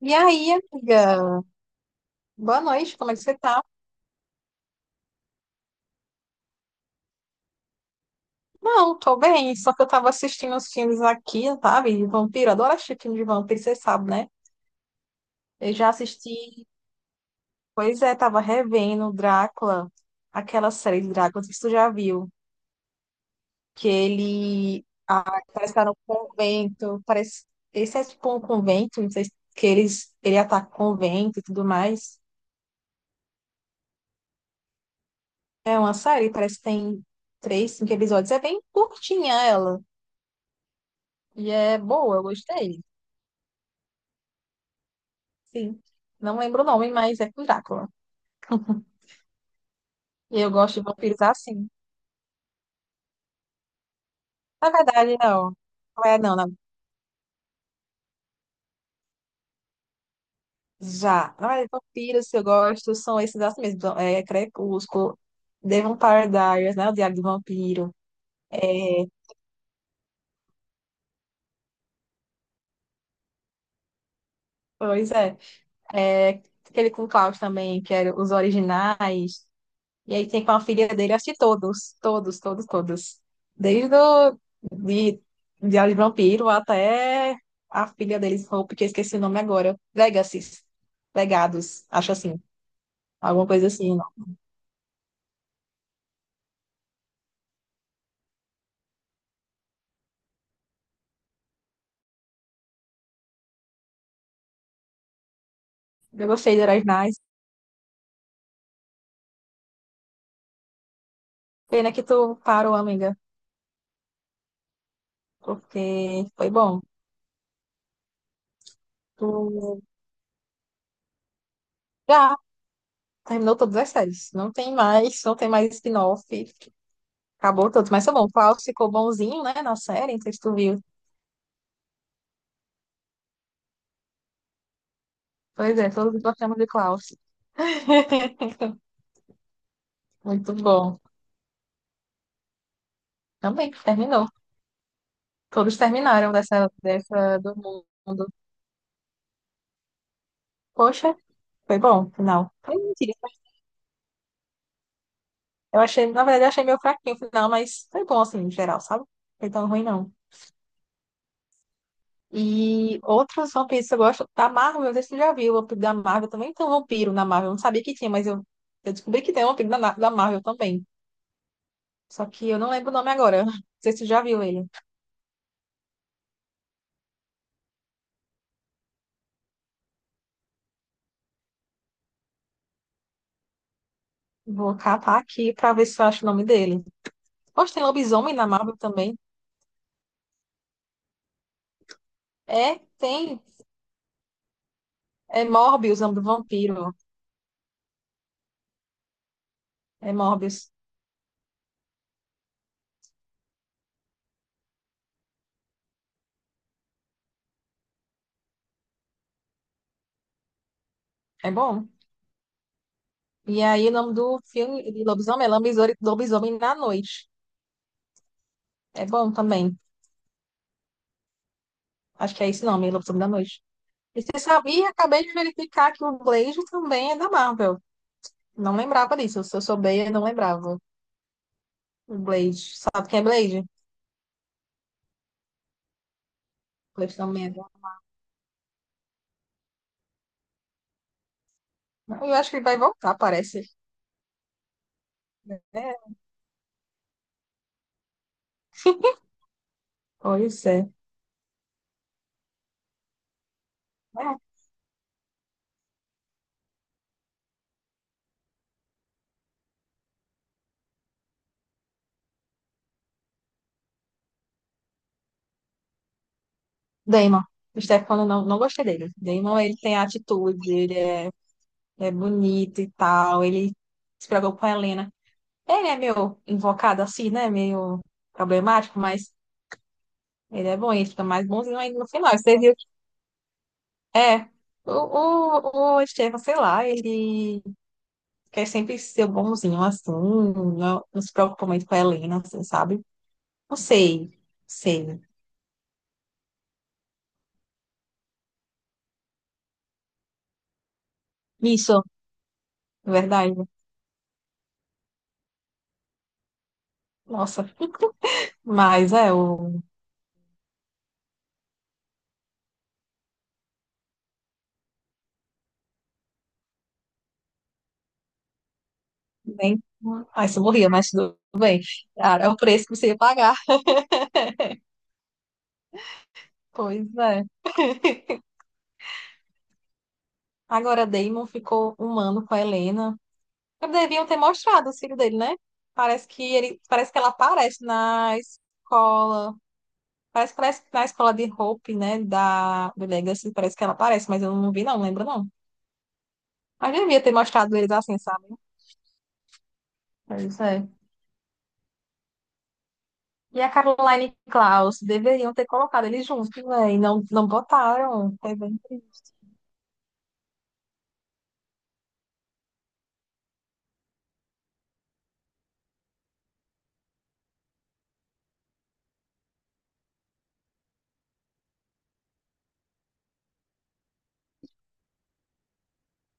E aí, amiga? Boa noite, como é que você tá? Não, tô bem, só que eu tava assistindo os filmes aqui, sabe? De vampiro, eu adoro assistir filme de vampiro, você sabe, né? Eu já assisti, pois é, tava revendo Drácula, aquela série de Drácula, não sei se tu já viu, que ele parece que tá no convento, parece, esse é tipo um convento, não sei se que eles, ele ataca o convento e tudo mais. É uma série, parece que tem três, cinco episódios, é bem curtinha ela, e é boa, eu gostei. Sim. Não lembro o nome, mas é com Drácula. E eu gosto de vampiros assim. Na verdade, não. Não é, não, não. Já. Na verdade, vampiros que eu gosto são esses assim mesmo. Então, é Crepúsculo, The Vampire Diaries, né? O Diário do Vampiro. É, pois é. É aquele com Klaus também, que era os originais. E aí tem com a filha dele, acho que todos, todos, todos, todos. Desde o de Diário de Vampiro até a filha deles, Hope, que eu esqueci o nome agora. Legacies. Legados, acho assim. Alguma coisa assim, não. Eu gostei de Heróis Nice. Pena que tu parou, amiga, porque foi bom. Tu já terminou todas as séries. Não tem mais, não tem mais spin-off. Acabou tudo. Mas tá bom, o Klaus ficou bonzinho, né, na série, não sei se tu viu. Pois é, todos gostamos de Klaus. Muito bom. Também, terminou. Todos terminaram dessa do mundo. Poxa, foi bom, o final. Foi mentira. Eu achei, na verdade, eu achei meio fraquinho o final, mas foi bom, assim, em geral, sabe? Não foi tão ruim, não. E outros vampiros que eu gosto, da Marvel, eu não sei se tu já viu, o vampiro da Marvel também tem um vampiro na Marvel. Eu não sabia que tinha, mas eu descobri que tem um vampiro da Marvel também. Só que eu não lembro o nome agora. Não sei se tu já viu ele. Vou catar aqui pra ver se eu acho o nome dele. Poxa, tem lobisomem na Marvel também. É, tem. É Morbius, o nome do vampiro. É Morbius. É bom. E aí, o nome do filme de lobisomem é Lobisomem na Noite. É bom também. Acho que é esse nome, Lobisomem da Noite. Você sabia? Acabei de verificar que o Blade também é da Marvel. Não lembrava disso. Se eu souber, eu não lembrava. O Blade. Sabe quem é Blade? Blade também é da... Eu acho que ele vai voltar, parece. É. Pois é. É. Damon. O Stefano, não, não gostei dele. Damon, ele tem atitude, ele é é bonito e tal. Ele se preocupa com a Helena. Ele é meio invocado assim, né? Meio problemático, mas ele é bom, ele fica mais bonzinho ainda no final. Você viu que é. O Estevam, sei lá, ele quer sempre ser bonzinho assim, não, não se preocupa muito com a Helena, assim, sabe? Não sei, sei. Isso, na verdade. Nossa, mas é, o. Nem... Ai, você morria, mas tudo bem. Cara, é o preço que você ia pagar. Pois é. Agora, Damon ficou um ano com a Helena. Deviam ter mostrado o filho dele, né? Parece que ele, parece que ela aparece na escola. Parece que na escola de Hope, né? Da, do Legacy, parece que ela aparece, mas eu não vi, não, lembro não. Mas devia ter mostrado eles assim, sabe? É isso aí. E a Caroline e Klaus, deveriam ter colocado eles juntos, né? E não, não botaram. É bem triste.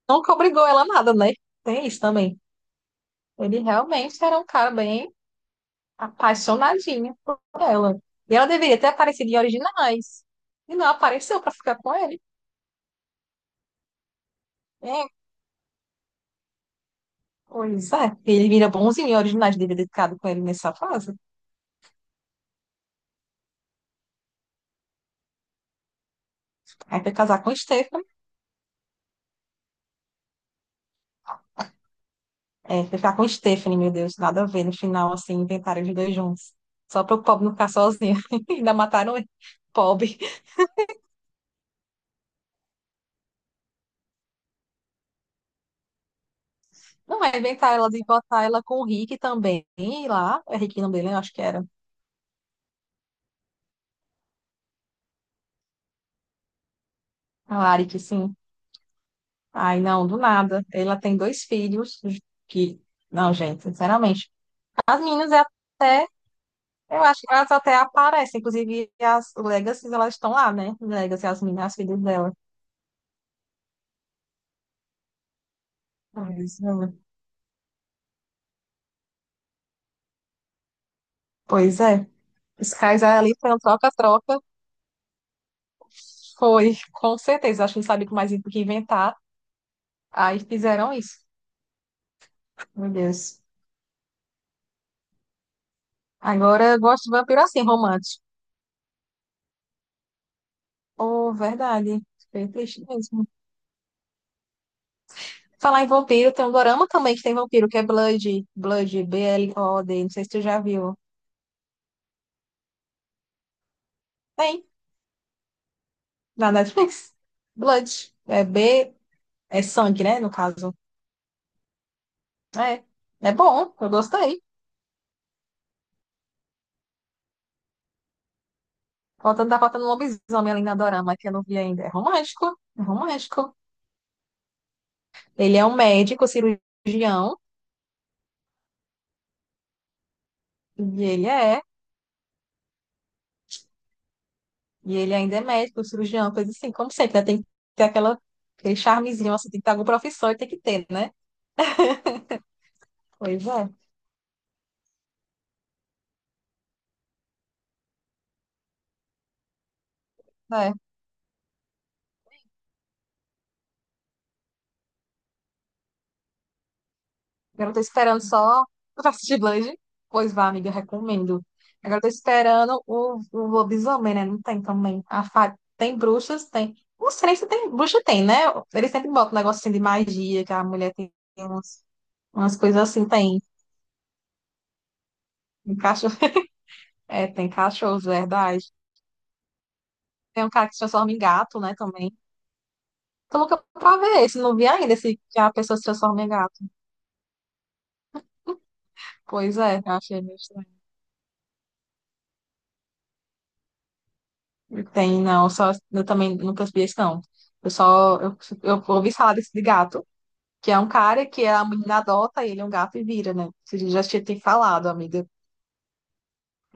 Nunca obrigou ela a nada, né? Tem isso também. Ele realmente era um cara bem apaixonadinha por ela. E ela deveria ter aparecido em originais. E não apareceu pra ficar com ele. É, pois é. Ele vira bonzinho em originais, deveria ter ficado com ele nessa fase. Aí foi casar com Stephanie. É, foi ficar com Stephanie, meu Deus, nada a ver. No final, assim, inventaram os dois juntos. Só para o pobre não ficar sozinho. Ainda mataram ele. Pobre. Não, é inventar ela de botar ela com o Rick também E lá. É Rick o nome dele, né? Eu acho que era. A Lari, que sim. Ai, não, do nada. Ela tem dois filhos que. Não, gente, sinceramente. As meninas, é- eu acho que elas até aparecem. Inclusive, as Legacies, elas estão lá, né? Legacy, as meninas, as filhas dela. Pois é. Pois é. Os caras ali foi um troca-troca. Foi, com certeza. Acho que não sabia mais o que inventar. Aí fizeram isso. Meu Deus. Agora eu gosto de vampiro assim, romântico. Oh, verdade. Fiquei triste mesmo. Falar em vampiro, tem um dorama também que tem vampiro, que é Blood. Blood, B-L-O-D. Não sei se tu já viu. Tem, na Netflix. Blood. É B, é sangue, né? No caso. É. É bom, eu gostei. Faltando, tá faltando um lobisomem ali na dorama, que eu não vi ainda. É romântico. É romântico. Ele é um médico, cirurgião. E ele é. E ele ainda é médico, cirurgião, coisa assim. Como sempre, né? Tem que ter aquela, aquele charmezinho, assim, tem que ter alguma profissão e tem que ter, né? Pois é. É. Agora eu tô esperando só. Tu tá assistindo Blade? Pois vá, amiga, recomendo. Agora eu tô esperando o lobisomem, né? Não tem também. A fa... Tem bruxas, tem. Não sei nem se tem. Bruxa tem, né? Eles sempre botam um negócio assim de magia, que a mulher tem umas, umas coisas assim, tem. Tem cachorro. É, tem cachorro, verdade. Tem um cara que se transforma em gato, né, também. Tô louca pra ver esse. Não vi ainda esse que a pessoa se transforma em gato. Pois é, eu achei meio estranho. Tem, não, só eu também nunca percebi isso, não. Eu só eu, eu ouvi falar desse de gato, que é um cara que a menina adota, ele é um gato e vira, né? Você já tinha te falado, amiga.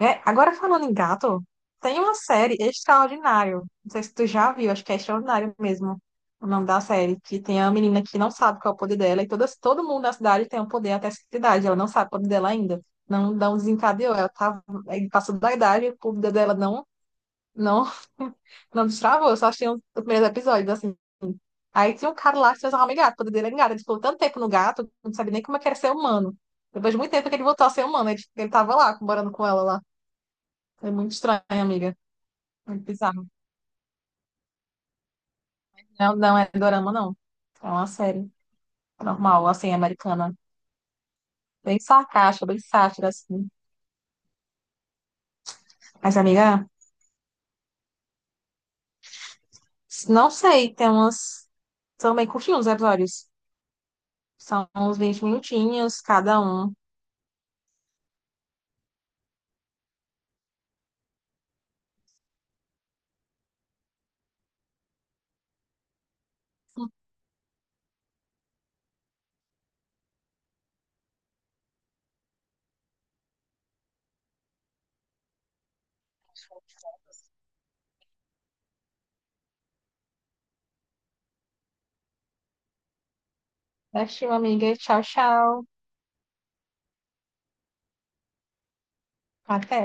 É, agora falando em gato, tem uma série Extraordinário. Não sei se tu já viu, acho que é Extraordinário mesmo o nome da série, que tem a menina que não sabe qual é o poder dela, e todas, todo mundo da cidade tem um poder até essa idade, ela não sabe o poder dela ainda. Não, não desencadeou, ela tá, aí passou da idade, o poder dela não, não destravou, eu só achei os primeiros episódios, assim. Aí tinha um cara lá que se transformava em gato, poder dele era gato. Ele ficou tanto tempo no gato, não sabia nem como é que era ser humano. Depois de muito tempo que ele voltou a ser humano, ele tava lá, morando com ela lá. É muito estranho, amiga. Muito bizarro. Não, não é dorama, não. É uma série normal, assim, americana. Bem sarcástica, bem sátira, assim. Mas, amiga, não sei, tem umas... São bem curtinhos os episódios. São uns 20 minutinhos cada um. Assistiu, amiga. Tchau, tchau. Até.